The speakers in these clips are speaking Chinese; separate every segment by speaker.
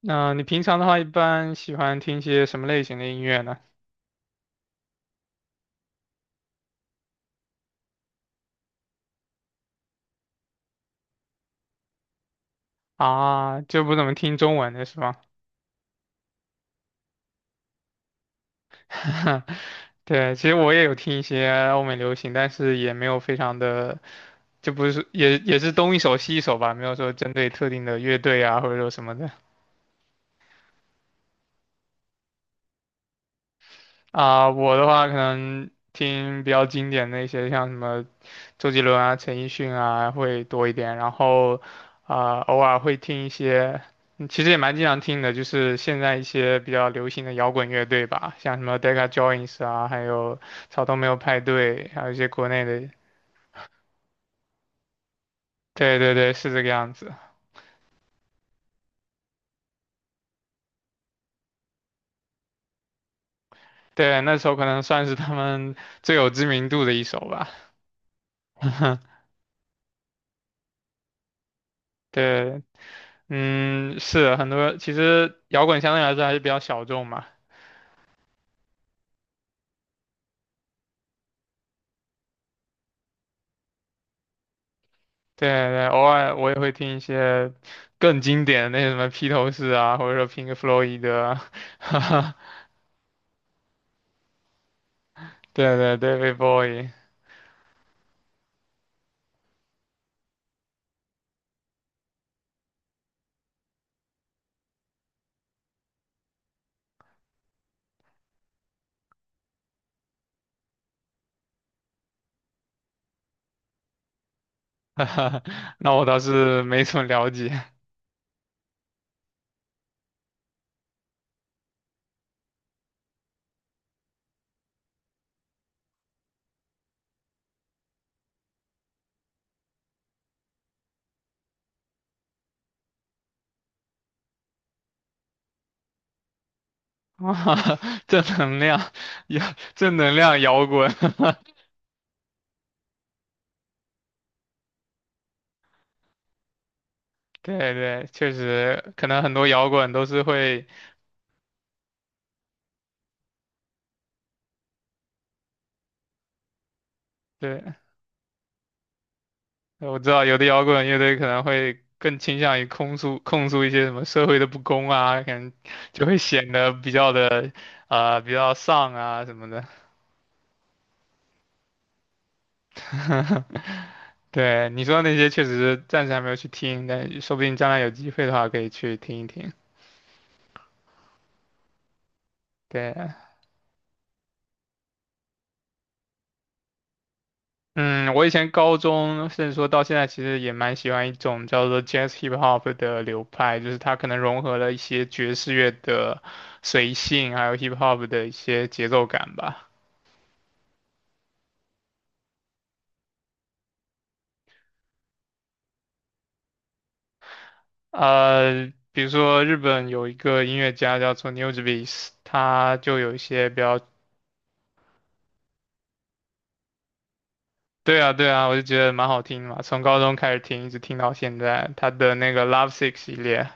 Speaker 1: 那你平常的话，一般喜欢听些什么类型的音乐呢？啊，就不怎么听中文的是吗？对，其实我也有听一些欧美流行，但是也没有非常的，就不是也是东一首西一首吧，没有说针对特定的乐队啊，或者说什么的。啊、我的话可能听比较经典的一些，像什么周杰伦啊、陈奕迅啊会多一点，然后啊、偶尔会听一些，其实也蛮经常听的，就是现在一些比较流行的摇滚乐队吧，像什么 Deca Joins 啊，还有草东没有派对，还有一些国内的，对对对，是这个样子。对，那时候可能算是他们 最有知名度的一首吧。对，嗯，是很多，其实摇滚相对来说还是比较小众嘛，对对，偶尔我也会听一些更经典的那些什么披头士啊，或者说 Pink Floyd 啊，哈哈对对对，David Bowie，哈哈那我倒是没什么了解，哇正能量，摇正能量摇滚，对对，确实，可能很多摇滚都是会，对。我知道有的摇滚乐队可能会更倾向于控诉一些什么社会的不公啊，可能就会显得比较的啊、比较丧啊什么的。对，你说的那些确实是暂时还没有去听，但说不定将来有机会的话可以去听一听。对，嗯，我以前高中甚至说到现在，其实也蛮喜欢一种叫做 Jazz Hip Hop 的流派，就是它可能融合了一些爵士乐的随性，还有 Hip Hop 的一些节奏感吧。呃，比如说日本有一个音乐家叫做 NewJeans，他就有一些比较，对啊对啊，我就觉得蛮好听的嘛，从高中开始听，一直听到现在，他的那个 Love Sick 系列，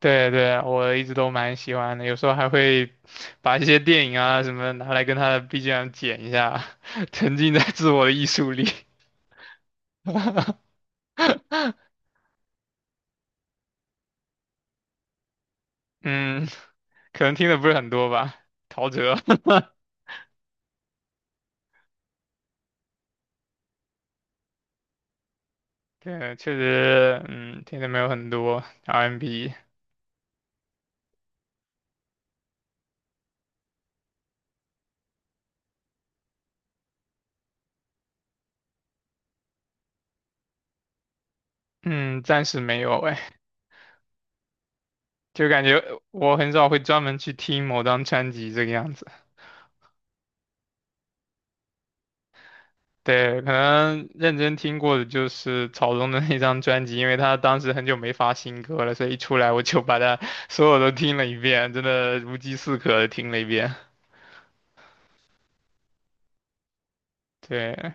Speaker 1: 对对啊，我一直都蛮喜欢的，有时候还会把一些电影啊什么拿来跟他的 BGM 剪一下，沉浸在自我的艺术里。嗯，可能听的不是很多吧，陶喆，对，确实，嗯，听的没有很多 R&B m。嗯，暂时没有哎，就感觉我很少会专门去听某张专辑这个样子。对，可能认真听过的就是草东的那张专辑，因为他当时很久没发新歌了，所以一出来我就把他所有都听了一遍，真的如饥似渴的听了一遍。对，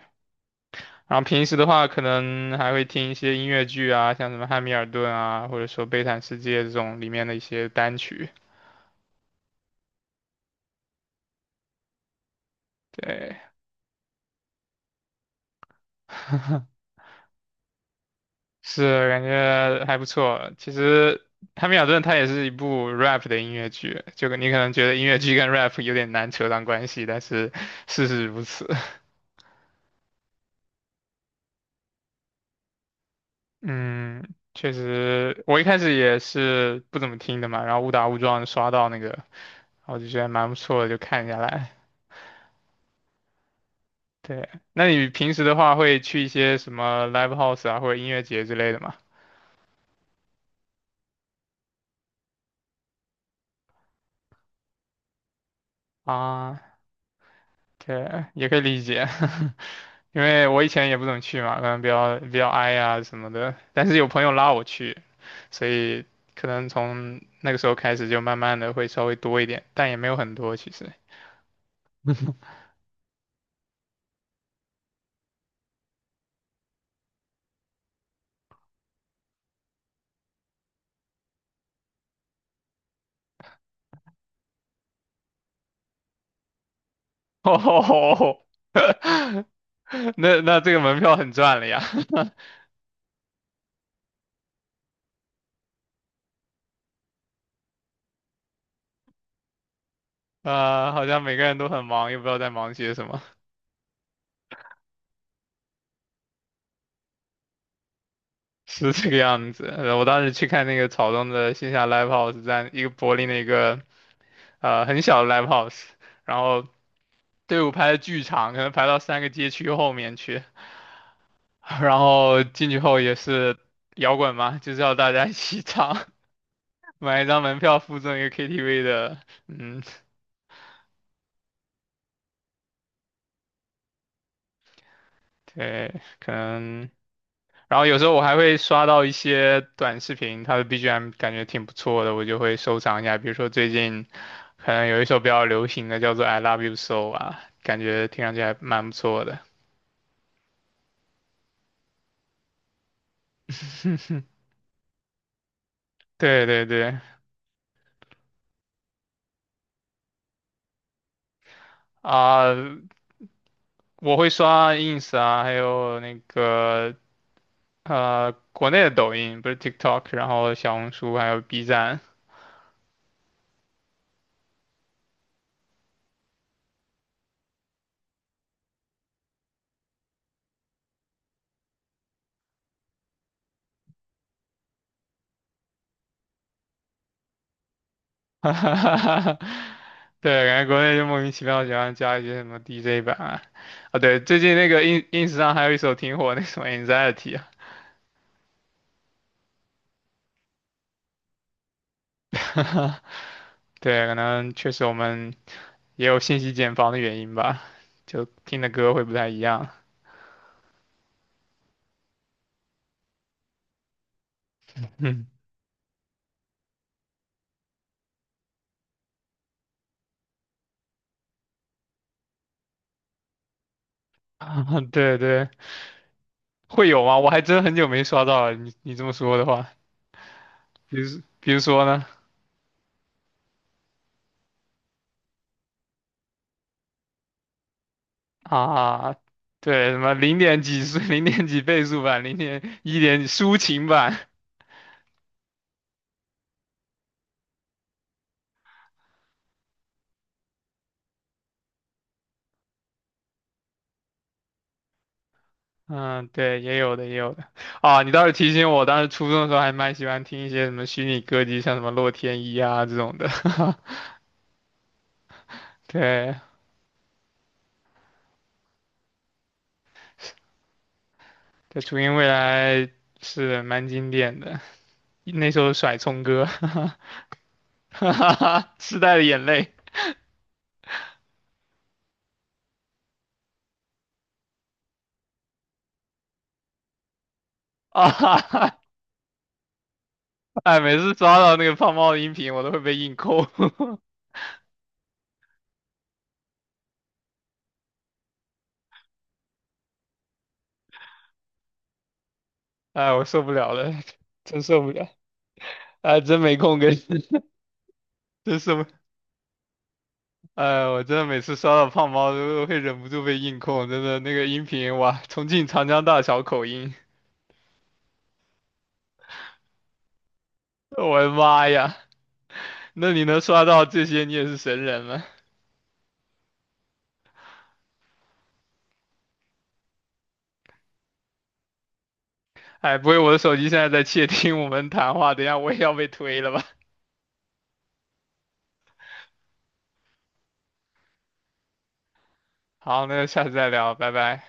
Speaker 1: 然后平时的话，可能还会听一些音乐剧啊，像什么《汉密尔顿》啊，或者说《悲惨世界》这种里面的一些单曲。对，是，感觉还不错。其实《汉密尔顿》它也是一部 rap 的音乐剧，就你可能觉得音乐剧跟 rap 有点难扯上关系，但是事实如此。嗯，确实，我一开始也是不怎么听的嘛，然后误打误撞刷到那个，我就觉得蛮不错的，就看下来。对，那你平时的话会去一些什么 live house 啊，或者音乐节之类的吗？啊，对，也可以理解。因为我以前也不怎么去嘛，可能比较矮呀什么的，但是有朋友拉我去，所以可能从那个时候开始就慢慢的会稍微多一点，但也没有很多其实。哦，那这个门票很赚了呀，呃，好像每个人都很忙，又不知道在忙些什么，是这个样子。呃我当时去看那个草东的线下 live house，在一个柏林的一个呃很小的 live house，然后队伍排的巨长，可能排到三个街区后面去。然后进去后也是摇滚嘛，就是要大家一起唱，买一张门票附赠一个 KTV 的，嗯，对，可能。然后有时候我还会刷到一些短视频，它的 BGM 感觉挺不错的，我就会收藏一下。比如说最近可能有一首比较流行的叫做《I Love You So》啊，感觉听上去还蛮不错的。对对对，啊、我会刷 ins 啊，还有那个呃国内的抖音，不是 TikTok，然后小红书还有 B 站，哈哈哈哈对，感觉国内就莫名其妙喜欢加一些什么 DJ 版啊，啊对，最近那个 ins 上还有一首挺火的，那什么 Anxiety 啊，对，可能确实我们也有信息茧房的原因吧，就听的歌会不太一样，嗯，对对，会有吗？我还真很久没刷到了，你这么说的话，比如说呢？啊，对，什么零点几速、零点几倍速版、零点一点抒情版，嗯，对，也有的，也有的。啊，你倒是提醒我，当时初中的时候还蛮喜欢听一些什么虚拟歌姬，像什么洛天依啊这种的。对，在初音未来是蛮经典的，那首甩葱歌，哈哈哈，时代的眼泪啊，哈哈，哎，每次刷到那个胖猫的音频，我都会被硬扣，哎，我受不了了，真受不了。哎，真没空跟 这是，哎，我真的每次刷到胖猫都会忍不住被硬控，真的那个音频哇，重庆长江大桥口音，我的妈呀，那你能刷到这些，你也是神人了。哎，不会我的手机现在在窃听我们谈话，等一下我也要被推了吧？好，那就下次再聊，拜拜。